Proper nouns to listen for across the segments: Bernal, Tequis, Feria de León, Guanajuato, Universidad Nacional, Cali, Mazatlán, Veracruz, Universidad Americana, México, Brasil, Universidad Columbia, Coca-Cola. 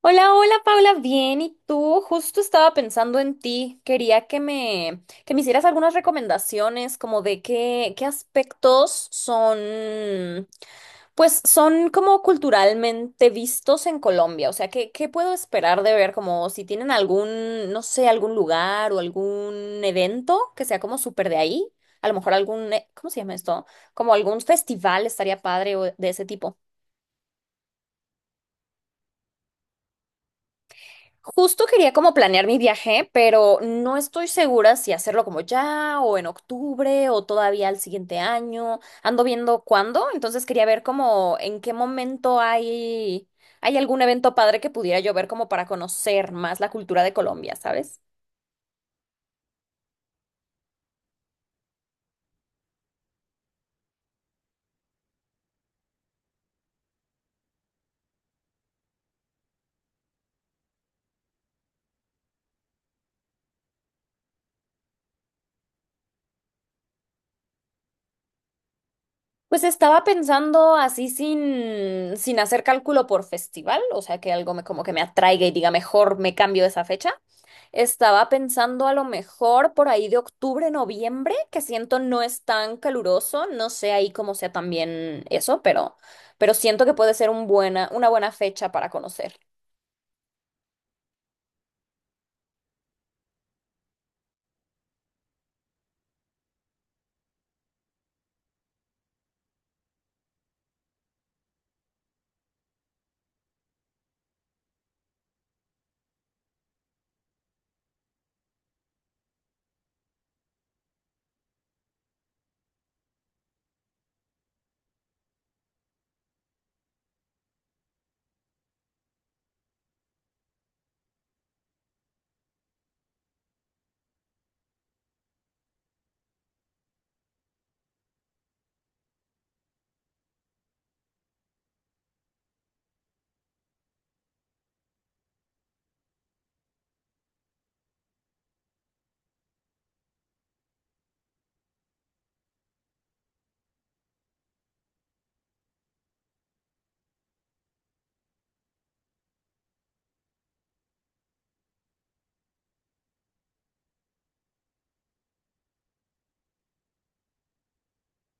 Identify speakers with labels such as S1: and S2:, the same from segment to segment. S1: Hola, hola Paula, bien, ¿y tú? Justo estaba pensando en ti. Quería que me hicieras algunas recomendaciones como de qué aspectos son, pues son como culturalmente vistos en Colombia. O sea, ¿qué puedo esperar de ver? Como si tienen algún, no sé, algún lugar o algún evento que sea como súper de ahí. A lo mejor algún, ¿cómo se llama esto? Como algún festival estaría padre o de ese tipo. Justo quería como planear mi viaje, pero no estoy segura si hacerlo como ya o en octubre o todavía al siguiente año. Ando viendo cuándo, entonces quería ver como en qué momento hay algún evento padre que pudiera yo ver como para conocer más la cultura de Colombia, ¿sabes? Pues estaba pensando así sin hacer cálculo por festival, o sea, que algo me, como que me atraiga y diga, mejor me cambio esa fecha. Estaba pensando a lo mejor por ahí de octubre, noviembre, que siento no es tan caluroso, no sé ahí cómo sea también eso, pero siento que puede ser una buena fecha para conocer.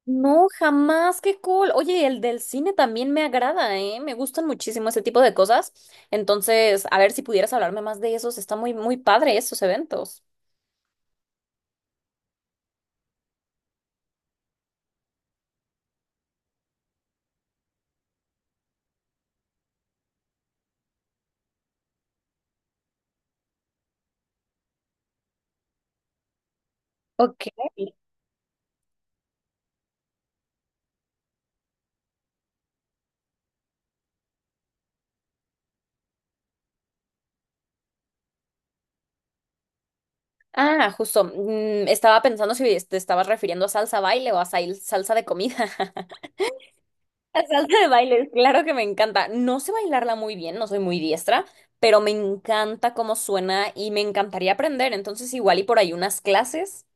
S1: No, jamás, qué cool. Oye, el del cine también me agrada, ¿eh? Me gustan muchísimo ese tipo de cosas. Entonces, a ver si pudieras hablarme más de esos. Está muy, muy padre esos eventos. Ok. Ah, justo. Estaba pensando si te estabas refiriendo a salsa baile o a salsa de comida. La salsa de baile, claro que me encanta. No sé bailarla muy bien, no soy muy diestra, pero me encanta cómo suena y me encantaría aprender. Entonces, igual y por ahí unas clases.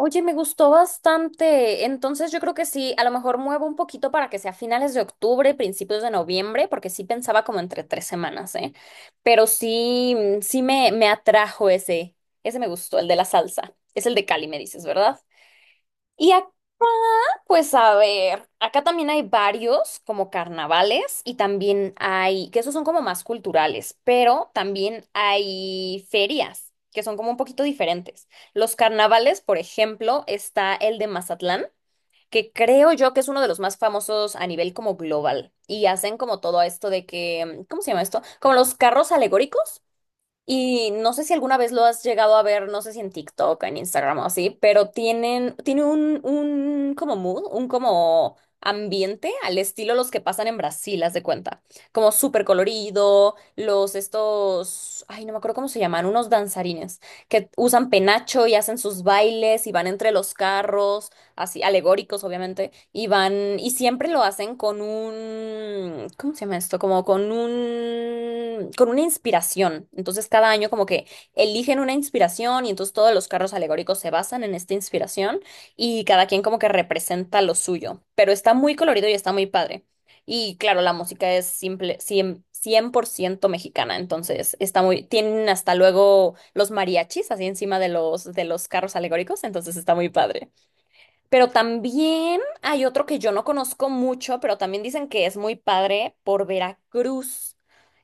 S1: Oye, me gustó bastante. Entonces, yo creo que sí, a lo mejor muevo un poquito para que sea finales de octubre, principios de noviembre, porque sí pensaba como entre 3 semanas, ¿eh? Pero sí, sí me atrajo ese, ese me gustó, el de la salsa. Es el de Cali, me dices, ¿verdad? Y acá. Pues, a ver, acá también hay varios como carnavales y también hay, que esos son como más culturales, pero también hay ferias que son como un poquito diferentes. Los carnavales, por ejemplo, está el de Mazatlán, que creo yo que es uno de los más famosos a nivel como global y hacen como todo esto de que, ¿cómo se llama esto? Como los carros alegóricos. Y no sé si alguna vez lo has llegado a ver, no sé si en TikTok, en Instagram o así, pero tienen, tiene un como mood, un como ambiente al estilo los que pasan en Brasil, haz de cuenta. Como súper colorido, los estos, ay, no me acuerdo cómo se llaman, unos danzarines que usan penacho y hacen sus bailes y van entre los carros así alegóricos, obviamente, y van, y siempre lo hacen con un, ¿cómo se llama esto? Como con un, con una inspiración. Entonces, cada año como que eligen una inspiración y entonces todos los carros alegóricos se basan en esta inspiración y cada quien como que representa lo suyo, pero está muy colorido y está muy padre. Y claro, la música es simple, cien por ciento mexicana, entonces está muy, tienen hasta luego los mariachis así encima de los carros alegóricos, entonces está muy padre. Pero también hay otro que yo no conozco mucho, pero también dicen que es muy padre por Veracruz,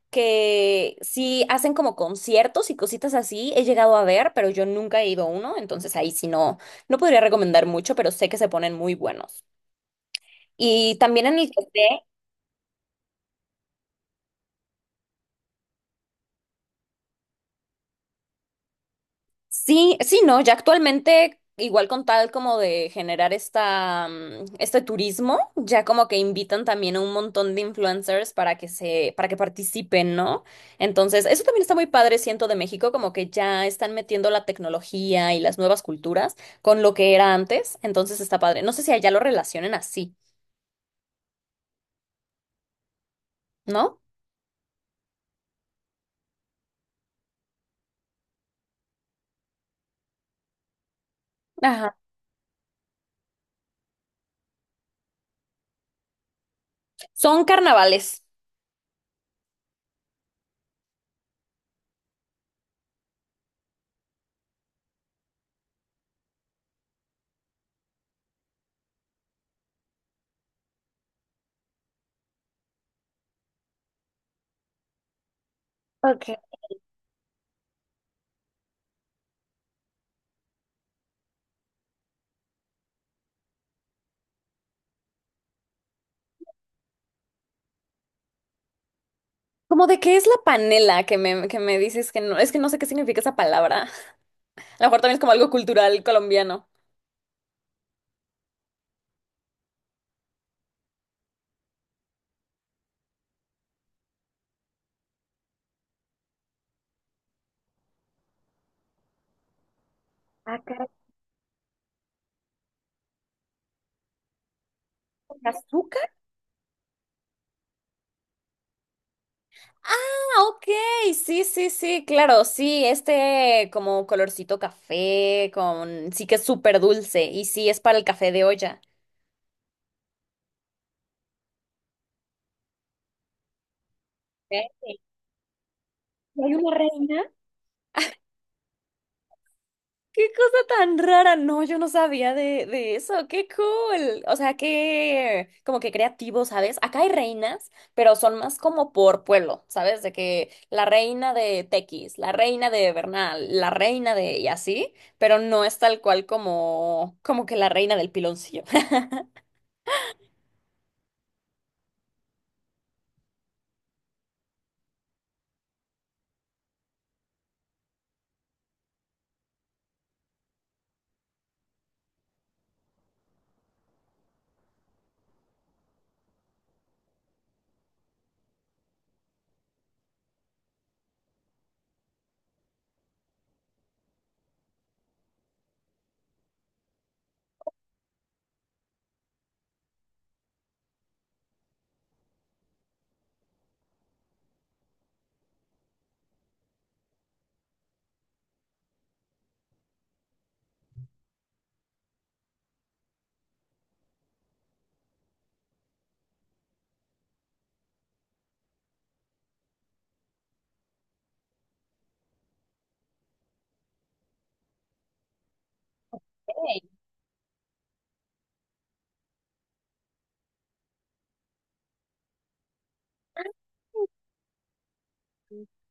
S1: que sí hacen como conciertos y cositas así. He llegado a ver, pero yo nunca he ido a uno, entonces ahí sí no, no podría recomendar mucho, pero sé que se ponen muy buenos. Y también en el que esté. Sí, sí, no, ya actualmente, igual con tal como de generar esta, este turismo, ya como que invitan también a un montón de influencers para que participen, ¿no? Entonces, eso también está muy padre, siento, de México, como que ya están metiendo la tecnología y las nuevas culturas con lo que era antes, entonces está padre. No sé si allá lo relacionen así, ¿no? Ajá. Son carnavales. Okay. ¿Cómo de qué es la panela que me dices que no, es que no sé qué significa esa palabra? A lo mejor también es como algo cultural colombiano. Ah, caray, ¿con azúcar? Ah, ok, sí, sí, sí, claro, sí, este como colorcito café, con, sí que es súper dulce, y sí es para el café de olla. Ok. ¿Y hay una reina? Qué cosa tan rara. No, yo no sabía de eso. Qué cool. O sea, qué como que creativo, ¿sabes? Acá hay reinas, pero son más como por pueblo, ¿sabes? De que la reina de Tequis, la reina de Bernal, la reina de y así, pero no es tal cual como como que la reina del piloncillo. Ey.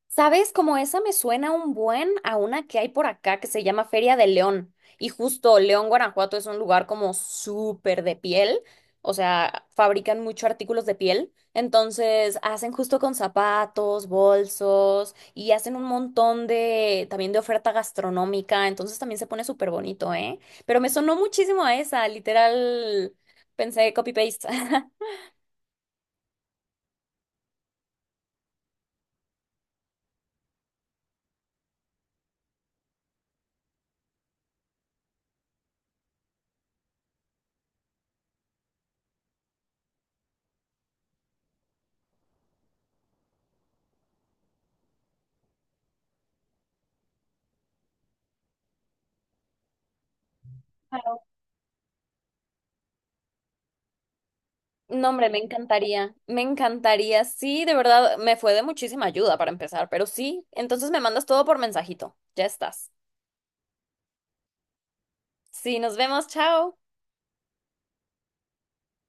S1: ¿Sabes? Como esa me suena un buen a una que hay por acá que se llama Feria de León. Y justo León, Guanajuato es un lugar como súper de piel. O sea, fabrican mucho artículos de piel. Entonces hacen justo con zapatos, bolsos y hacen un montón de también de oferta gastronómica. Entonces también se pone súper bonito, ¿eh? Pero me sonó muchísimo a esa, literal. Pensé copy-paste. No, hombre, me encantaría, me encantaría. Sí, de verdad, me fue de muchísima ayuda para empezar, pero sí, entonces me mandas todo por mensajito. Ya estás. Sí, nos vemos, chao.